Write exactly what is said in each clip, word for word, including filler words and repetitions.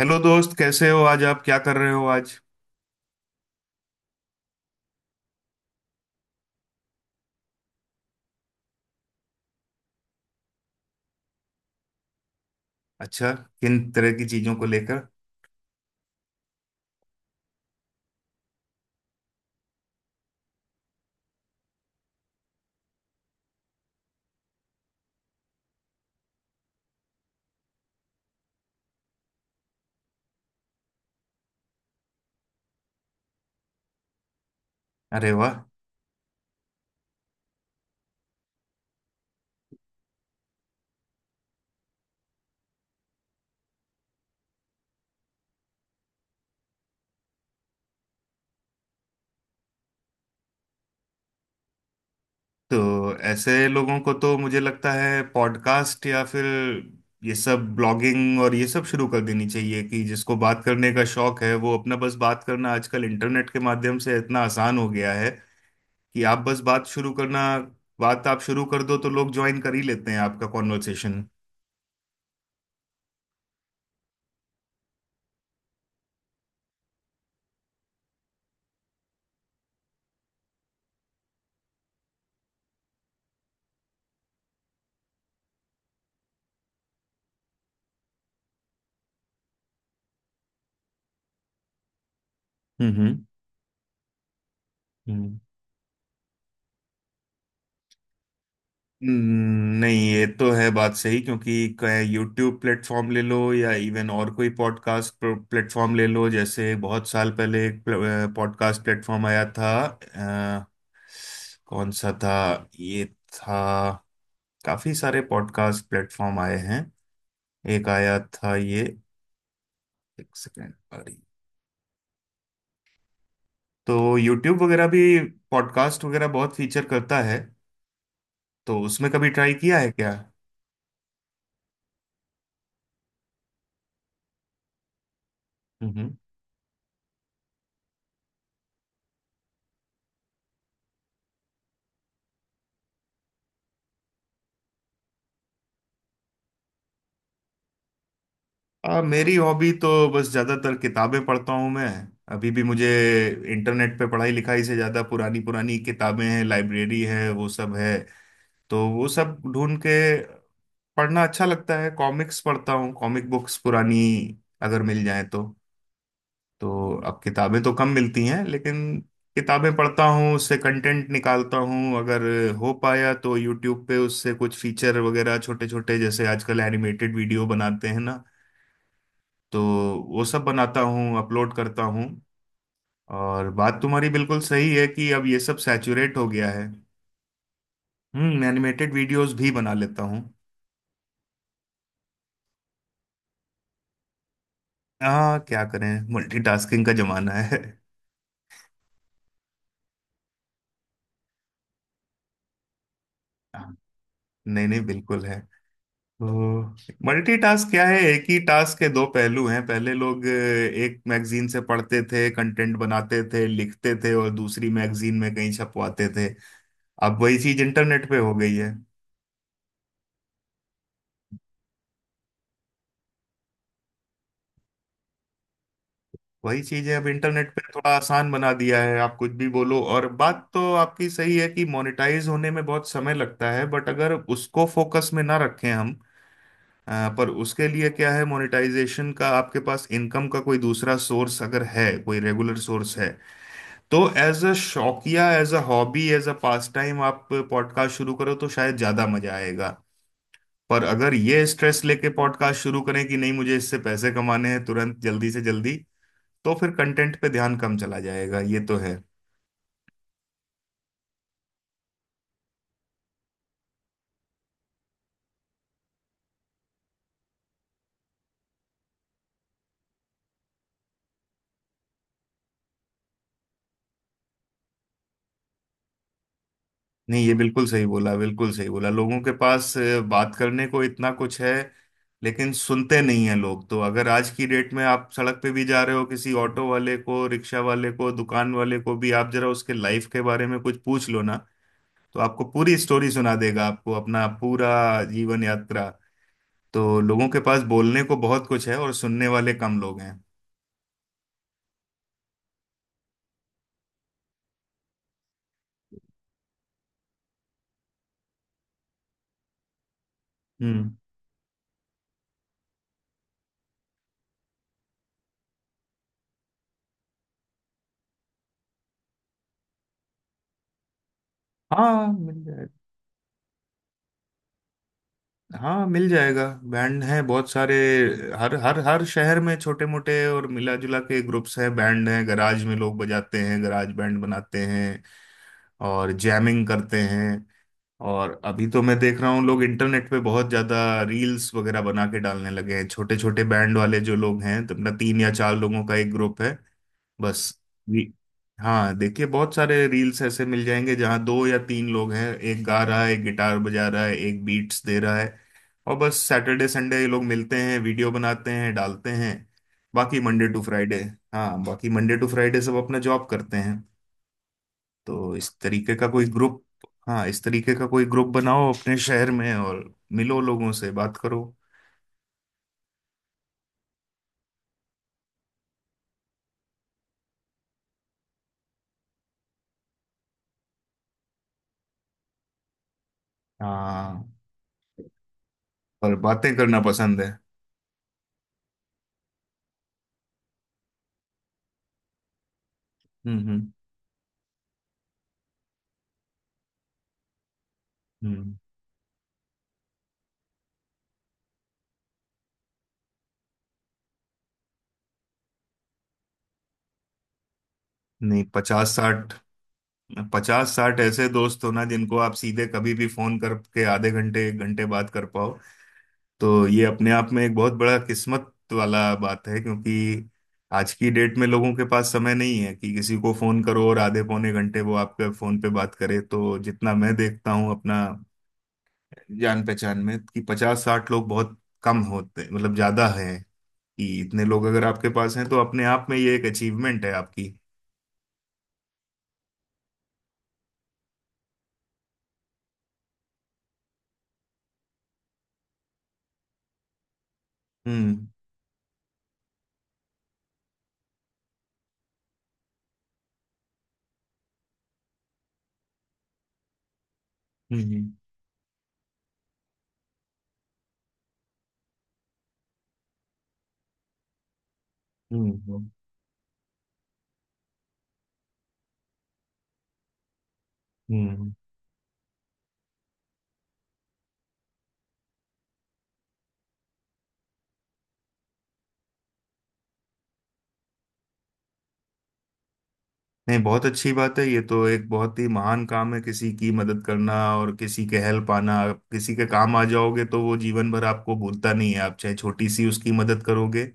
Hello दोस्त, कैसे हो आज? आप क्या कर रहे हो आज? अच्छा। किन तरह की चीजों को लेकर? अरे वाह। तो ऐसे लोगों को तो मुझे लगता है पॉडकास्ट या फिर ये सब ब्लॉगिंग और ये सब शुरू कर देनी चाहिए कि जिसको बात करने का शौक है वो अपना बस बात करना आजकल इंटरनेट के माध्यम से इतना आसान हो गया है कि आप बस बात शुरू करना। बात आप शुरू कर दो तो लोग ज्वाइन कर ही लेते हैं आपका कॉन्वर्सेशन। हम्म, हम्म, हम्म, नहीं ये तो है बात सही क्योंकि यूट्यूब प्लेटफॉर्म ले लो या इवन और कोई पॉडकास्ट प्लेटफॉर्म ले लो जैसे बहुत साल पहले एक पॉडकास्ट प्लेटफॉर्म आया था। अ, कौन सा था ये? था काफी सारे पॉडकास्ट प्लेटफॉर्म आए हैं। एक आया था ये। एक सेकेंड, अरे। तो यूट्यूब वगैरह भी पॉडकास्ट वगैरह बहुत फीचर करता है, तो उसमें कभी ट्राई किया है क्या? हम्म, हम्म। आ, मेरी हॉबी तो बस ज़्यादातर किताबें पढ़ता हूँ मैं। अभी भी मुझे इंटरनेट पे पढ़ाई लिखाई से ज़्यादा पुरानी पुरानी किताबें हैं, लाइब्रेरी है, वो सब है। तो वो सब ढूंढ के पढ़ना अच्छा लगता है। कॉमिक्स पढ़ता हूँ, कॉमिक बुक्स पुरानी अगर मिल जाए तो। तो अब किताबें तो कम मिलती हैं लेकिन किताबें पढ़ता हूँ, उससे कंटेंट निकालता हूँ। अगर हो पाया तो यूट्यूब पे उससे कुछ फीचर वगैरह छोटे छोटे, जैसे आजकल एनिमेटेड वीडियो बनाते हैं ना, तो वो सब बनाता हूँ अपलोड करता हूँ। और बात तुम्हारी बिल्कुल सही है कि अब ये सब सैचुरेट हो गया है। हम्म, एनिमेटेड वीडियोस भी बना लेता हूँ। हाँ, क्या करें, मल्टीटास्किंग का जमाना है। हाँ, नहीं नहीं बिल्कुल है। तो मल्टीटास्क क्या है? एक ही टास्क के दो पहलू हैं। पहले लोग अ, एक मैगजीन से पढ़ते थे, कंटेंट बनाते थे, लिखते थे और दूसरी मैगजीन में कहीं छपवाते थे। अब वही चीज इंटरनेट पे हो गई है। वही चीजें अब इंटरनेट पे थोड़ा आसान बना दिया है, आप कुछ भी बोलो। और बात तो आपकी सही है कि मोनेटाइज होने में बहुत समय लगता है, बट अगर उसको फोकस में ना रखें हम। अ, पर उसके लिए क्या है, मोनेटाइजेशन का आपके पास इनकम का कोई दूसरा सोर्स अगर है, कोई रेगुलर सोर्स है, तो एज अ शौकिया, as a hobby, as a pastime आप पॉडकास्ट शुरू करो तो शायद ज्यादा मजा आएगा। पर अगर ये स्ट्रेस लेके पॉडकास्ट शुरू करें कि नहीं मुझे इससे पैसे कमाने हैं तुरंत, जल्दी से जल्दी, तो फिर कंटेंट पे ध्यान कम चला जाएगा, ये तो है। नहीं, ये बिल्कुल सही बोला, बिल्कुल सही बोला। लोगों के पास अ, बात करने को इतना कुछ है लेकिन सुनते नहीं हैं लोग। तो अगर आज की डेट में आप सड़क पे भी जा रहे हो, किसी ऑटो वाले को, रिक्शा वाले को, दुकान वाले को भी आप जरा उसके लाइफ के बारे में कुछ पूछ लो ना, तो आपको पूरी स्टोरी सुना देगा, आपको अपना पूरा जीवन यात्रा। तो लोगों के पास बोलने को बहुत कुछ है और सुनने वाले कम लोग हैं। हम्म। हाँ मिल जाएगा। हाँ मिल जाएगा। बैंड हैं बहुत सारे। हर हर हर शहर में छोटे मोटे और मिला जुला के ग्रुप्स हैं, बैंड हैं। गराज में लोग बजाते हैं, गराज बैंड बनाते हैं और जैमिंग करते हैं। और अभी तो मैं देख रहा हूँ लोग इंटरनेट पे बहुत ज्यादा रील्स वगैरह बना के डालने लगे हैं। छोटे छोटे बैंड वाले जो लोग हैं, तो अपना तीन या चार लोगों का एक ग्रुप है बस। री- हाँ देखिए, बहुत सारे रील्स ऐसे मिल जाएंगे जहाँ दो या तीन लोग हैं। एक गा रहा है, एक गिटार बजा रहा है, एक बीट्स दे रहा है। और बस सैटरडे संडे ये लोग मिलते हैं, वीडियो बनाते हैं, डालते हैं। बाकी मंडे टू फ्राइडे। हाँ, बाकी मंडे टू फ्राइडे सब अपना जॉब करते हैं। तो इस तरीके का कोई ग्रुप। हाँ, इस तरीके का कोई ग्रुप बनाओ अपने शहर में और मिलो, लोगों से बात करो। हाँ। और बातें करना पसंद है। हम्म, हम्म, हम्म। नहीं, पचास साठ, पचास साठ ऐसे दोस्त हो ना जिनको आप सीधे कभी भी फोन करके आधे घंटे एक घंटे बात कर पाओ, तो ये अपने आप में एक बहुत बड़ा किस्मत वाला बात है क्योंकि आज की डेट में लोगों के पास समय नहीं है कि किसी को फोन करो और आधे पौने घंटे वो आपके फोन पे बात करे। तो जितना मैं देखता हूँ, अपना जान पहचान में कि पचास साठ लोग बहुत कम होते, मतलब ज्यादा है कि इतने लोग अगर आपके पास हैं तो अपने आप में ये एक अचीवमेंट है आपकी। हम्म, हम्म, हम्म, हम्म, हम्म। नहीं, बहुत अच्छी बात है, ये तो एक बहुत ही महान काम है किसी की मदद करना। और किसी के हेल्प आना, आप किसी के काम आ जाओगे तो वो जीवन भर आपको भूलता नहीं है। आप चाहे छोटी सी उसकी मदद करोगे,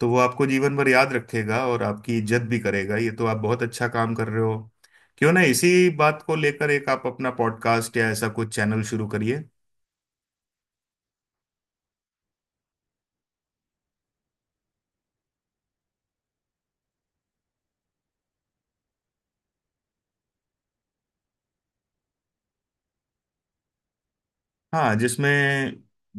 तो वो आपको जीवन भर याद रखेगा और आपकी इज्जत भी करेगा। ये तो आप बहुत अच्छा काम कर रहे हो। क्यों ना इसी बात को लेकर एक आप अपना पॉडकास्ट या ऐसा कुछ चैनल शुरू करिए? हाँ, जिसमें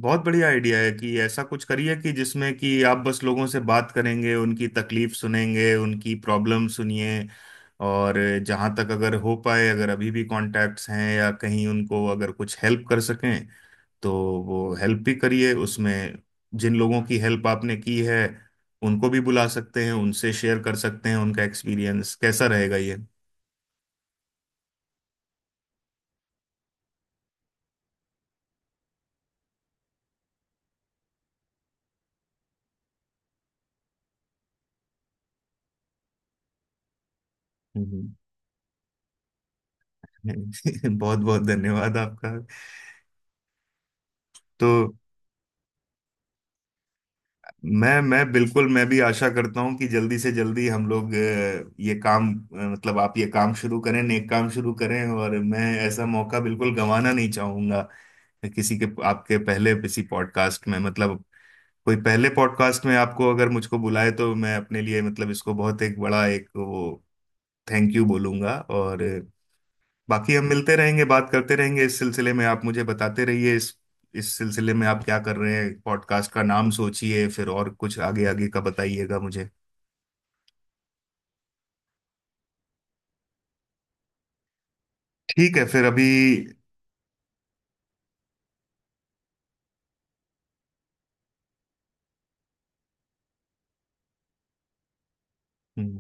बहुत बढ़िया आइडिया है कि ऐसा कुछ करिए कि जिसमें कि आप बस लोगों से बात करेंगे, उनकी तकलीफ सुनेंगे, उनकी प्रॉब्लम सुनिए। और जहाँ तक अगर हो पाए, अगर अभी भी कॉन्टैक्ट्स हैं या कहीं उनको अगर कुछ हेल्प कर सकें, तो वो हेल्प भी करिए उसमें। जिन लोगों की हेल्प आपने की है उनको भी बुला सकते हैं, उनसे शेयर कर सकते हैं उनका एक्सपीरियंस कैसा रहेगा ये। हम्म। बहुत बहुत धन्यवाद आपका। तो मैं मैं बिल्कुल, मैं भी आशा करता हूँ कि जल्दी से जल्दी हम लोग अ, ये काम, अ, मतलब आप ये काम शुरू करें, नेक काम शुरू करें और मैं ऐसा मौका बिल्कुल गंवाना नहीं चाहूंगा। किसी के आपके पहले किसी पॉडकास्ट में, मतलब कोई पहले पॉडकास्ट में आपको अगर मुझको बुलाए, तो मैं अपने लिए मतलब इसको बहुत एक बड़ा एक वो थैंक यू बोलूंगा। और बाकी हम मिलते रहेंगे, बात करते रहेंगे इस सिलसिले में। आप मुझे बताते रहिए इस इस सिलसिले में आप क्या कर रहे हैं। पॉडकास्ट का नाम सोचिए फिर और कुछ आगे आगे का बताइएगा मुझे। ठीक है फिर अभी। हम्म,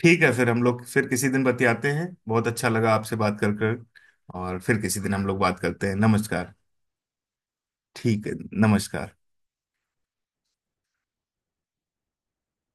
ठीक है फिर हम लोग फिर किसी दिन बतियाते हैं। बहुत अच्छा लगा आपसे बात कर कर। और फिर किसी दिन हम लोग बात करते हैं। नमस्कार। ठीक है। नमस्कार।